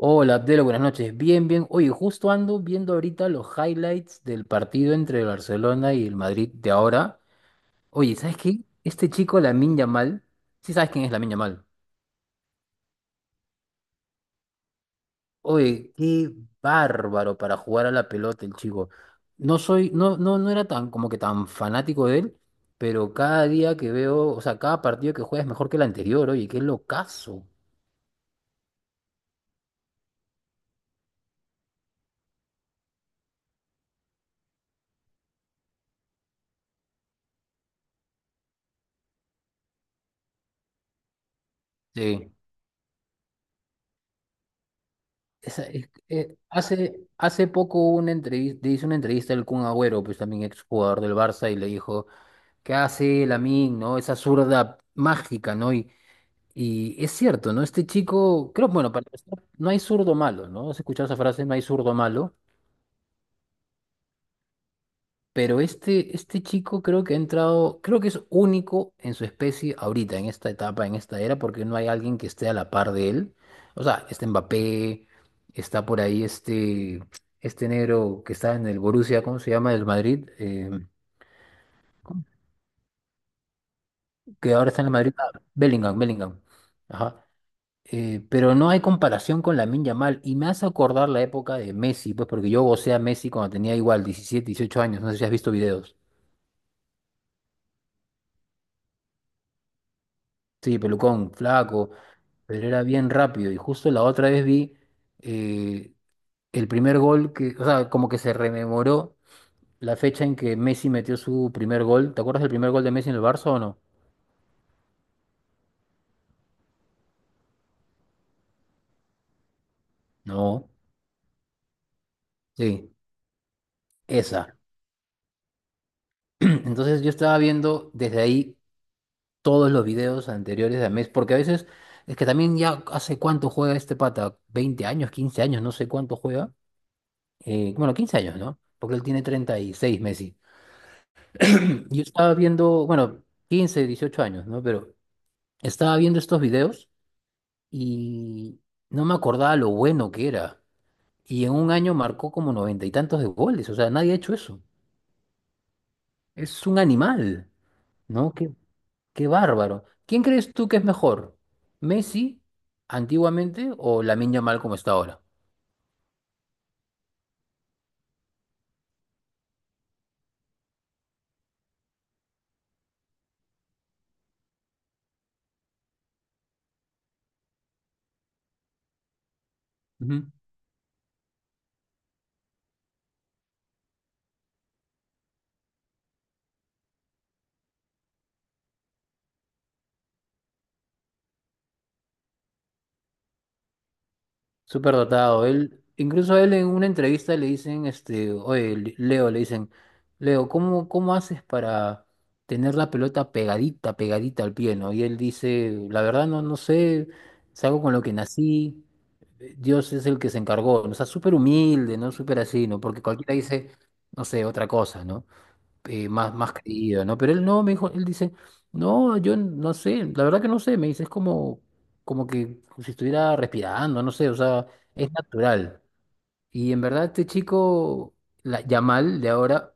Hola, Abdelo, buenas noches. Bien, bien. Oye, justo ando viendo ahorita los highlights del partido entre el Barcelona y el Madrid de ahora. Oye, ¿sabes qué? Este chico, Lamine Yamal, sí sabes quién es Lamine Yamal. Oye, qué bárbaro para jugar a la pelota el chico. No soy, no, no, no era tan como que tan fanático de él, pero cada día que veo, o sea, cada partido que juega es mejor que el anterior. Oye, qué locazo. Sí. Hace poco hubo una entrevista, hizo una entrevista al Kun Agüero, pues también exjugador del Barça, y le dijo, ¿qué hace Lamine, no? Esa zurda mágica, ¿no? Y es cierto, ¿no? Este chico, creo, bueno, para empezar, no hay zurdo malo, ¿no? ¿Has escuchado esa frase? No hay zurdo malo. Pero este chico creo que ha entrado, creo que es único en su especie ahorita, en esta etapa, en esta era, porque no hay alguien que esté a la par de él. O sea, está Mbappé, está por ahí este negro que está en el Borussia, ¿cómo se llama? Del Madrid, ¿cómo? Que ahora está en el Madrid. Ah, Bellingham, Bellingham. Ajá. Pero no hay comparación con Lamine Yamal. Y me hace acordar la época de Messi, pues porque yo gocé a Messi cuando tenía igual 17 18 años. No sé si has visto videos. Sí, pelucón, flaco. Pero era bien rápido. Y justo la otra vez vi eh, el primer gol que, o sea, como que se rememoró la fecha en que Messi metió su primer gol. ¿Te acuerdas del primer gol de Messi en el Barça o no? No. Sí, esa. Entonces yo estaba viendo desde ahí todos los videos anteriores de Messi, porque a veces es que también ya hace cuánto juega este pata, 20 años, 15 años, no sé cuánto juega. Bueno, 15 años, ¿no? Porque él tiene 36 Messi. Yo estaba viendo, bueno, 15 18 años, ¿no? Pero estaba viendo estos videos y no me acordaba lo bueno que era. Y en un año marcó como noventa y tantos de goles. O sea, nadie ha hecho eso. Es un animal, ¿no? Qué bárbaro. ¿Quién crees tú que es mejor? ¿Messi antiguamente o Lamine Yamal como está ahora? Ujú. Súper dotado. Él, incluso a él en una entrevista le dicen, oye, Leo, le dicen, Leo, ¿cómo haces para tener la pelota pegadita, pegadita al pie, ¿no? Y él dice, la verdad no sé, es algo con lo que nací, Dios es el que se encargó, ¿no? O sea, súper humilde, ¿no? Súper así, ¿no? Porque cualquiera dice, no sé, otra cosa, ¿no? Más creído, ¿no? Pero él no, me dijo, él dice, no, yo no sé, la verdad que no sé, me dice, es como que si estuviera respirando, no sé, o sea, es natural. Y en verdad este chico, Yamal de ahora,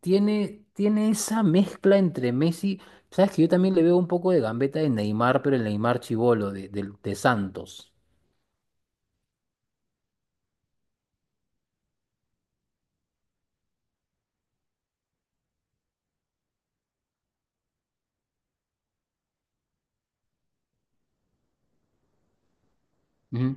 tiene esa mezcla entre Messi, sabes que yo también le veo un poco de gambeta de Neymar, pero el Neymar chibolo de Santos. Ujú.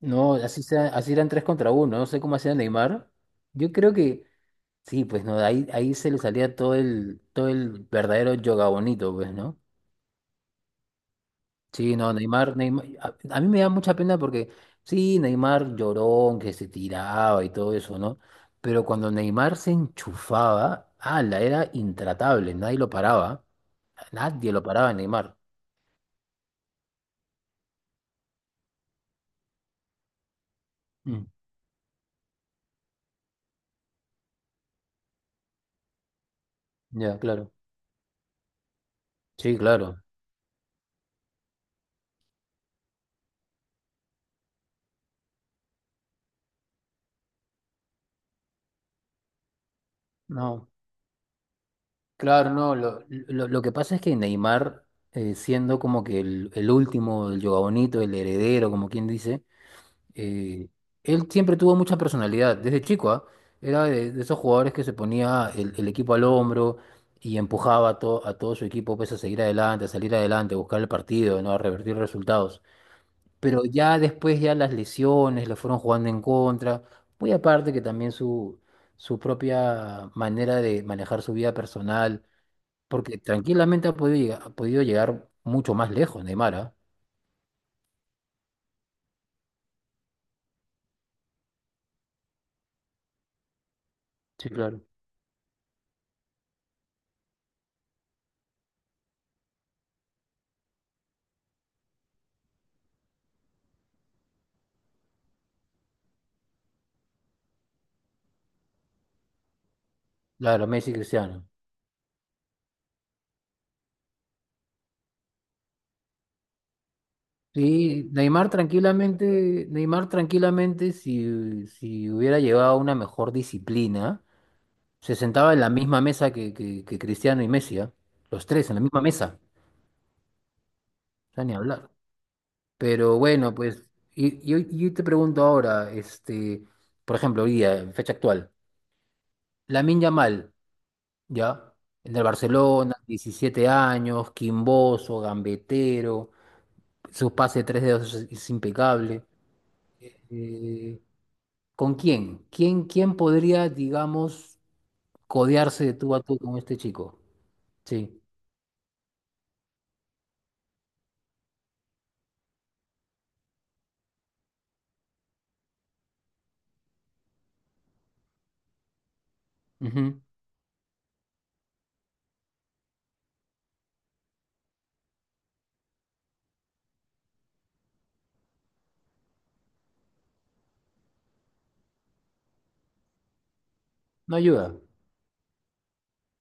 No, así sea, así eran tres contra uno, no sé cómo hacía Neymar. Yo creo que. Sí, pues no, ahí se le salía todo el verdadero yoga bonito, pues, ¿no? Sí, no, Neymar, Neymar, a mí me da mucha pena porque, sí, Neymar llorón, que se tiraba y todo eso, ¿no? Pero cuando Neymar se enchufaba, ala, era intratable, nadie lo paraba, nadie lo paraba a Neymar. Mm, ya, claro. Sí, claro. No, claro, no, lo que pasa es que Neymar, siendo como que el último, el yoga bonito, el heredero, como quien dice, eh, él siempre tuvo mucha personalidad, desde chico, ¿ah? Era de esos jugadores que se ponía el equipo al hombro y empujaba a todo su equipo pues, a seguir adelante, a salir adelante, a buscar el partido, ¿no? A revertir resultados. Pero ya después ya las lesiones le fueron jugando en contra, muy aparte que también su propia manera de manejar su vida personal, porque tranquilamente ha podido llegar mucho más lejos, Neymar, ¿ah? Sí, claro. Claro, Messi y Cristiano. Sí, Neymar tranquilamente, si hubiera llevado una mejor disciplina, se sentaba en la misma mesa que Cristiano y Messi, ¿ah? Los tres en la misma mesa, o sea, ni hablar. Pero bueno, pues, y yo te pregunto ahora, por ejemplo, hoy día, en fecha actual, Lamine Yamal, ¿ya? En el Barcelona, 17 años, quimboso, gambetero, su pase de tres dedos es impecable. Eh, ¿Con quién? ¿Quién podría, digamos, codearse de tú a tú con este chico? Sí. Ujú. No ayuda,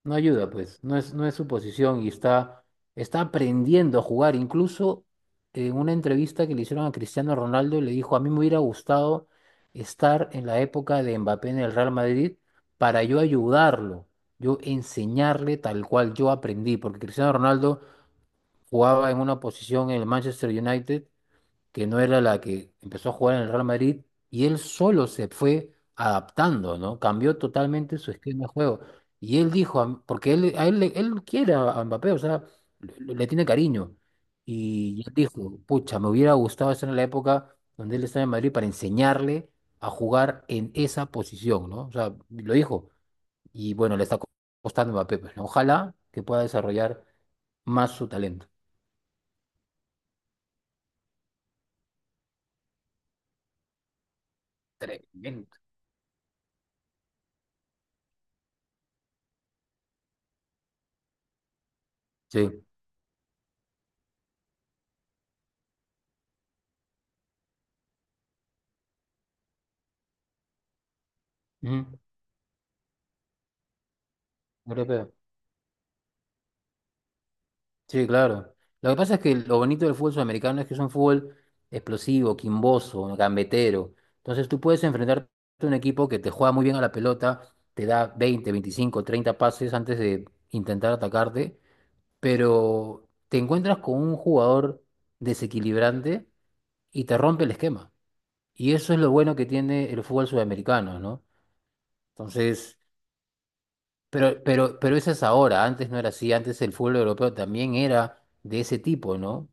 no ayuda, pues. No es, no es su posición y está aprendiendo a jugar. Incluso en una entrevista que le hicieron a Cristiano Ronaldo, le dijo, a mí me hubiera gustado estar en la época de Mbappé en el Real Madrid para yo ayudarlo, yo enseñarle tal cual yo aprendí, porque Cristiano Ronaldo jugaba en una posición en el Manchester United que no era la que empezó a jugar en el Real Madrid, y él solo se fue adaptando, ¿no? Cambió totalmente su esquema de juego. Y él dijo, porque él, a él, él quiere a Mbappé, o sea, le tiene cariño. Y él dijo, pucha, me hubiera gustado estar en la época donde él estaba en Madrid para enseñarle a jugar en esa posición, ¿no? O sea, lo dijo. Y bueno, le está costando a Mbappé, pues, ¿no? Ojalá que pueda desarrollar más su talento. Tremendo. Sí. Ujú. Europeo. Sí, claro. Lo que pasa es que lo bonito del fútbol sudamericano es que es un fútbol explosivo, quimboso, gambetero. Entonces tú puedes enfrentarte a un equipo que te juega muy bien a la pelota, te da 20, 25, 30 pases antes de intentar atacarte, pero te encuentras con un jugador desequilibrante y te rompe el esquema. Y eso es lo bueno que tiene el fútbol sudamericano, ¿no? Entonces, pero eso es ahora, antes no era así, antes el fútbol europeo también era de ese tipo, ¿no?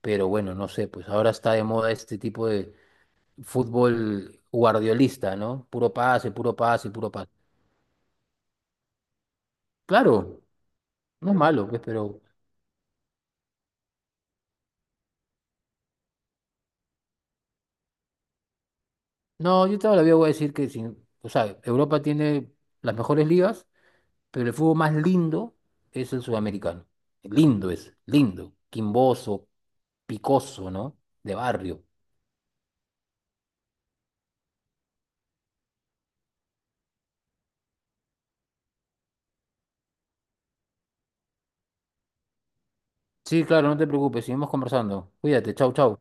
Pero bueno, no sé, pues ahora está de moda este tipo de fútbol guardiolista, ¿no? Puro pase, puro pase, puro pase. Claro, no es malo, pues, pero no, yo todavía voy a decir que sin, o sea, Europa tiene las mejores ligas, pero el fútbol más lindo es el sudamericano. Lindo es, lindo, quimboso, picoso, ¿no? De barrio. Sí, claro, no te preocupes, seguimos conversando. Cuídate, chau, chau.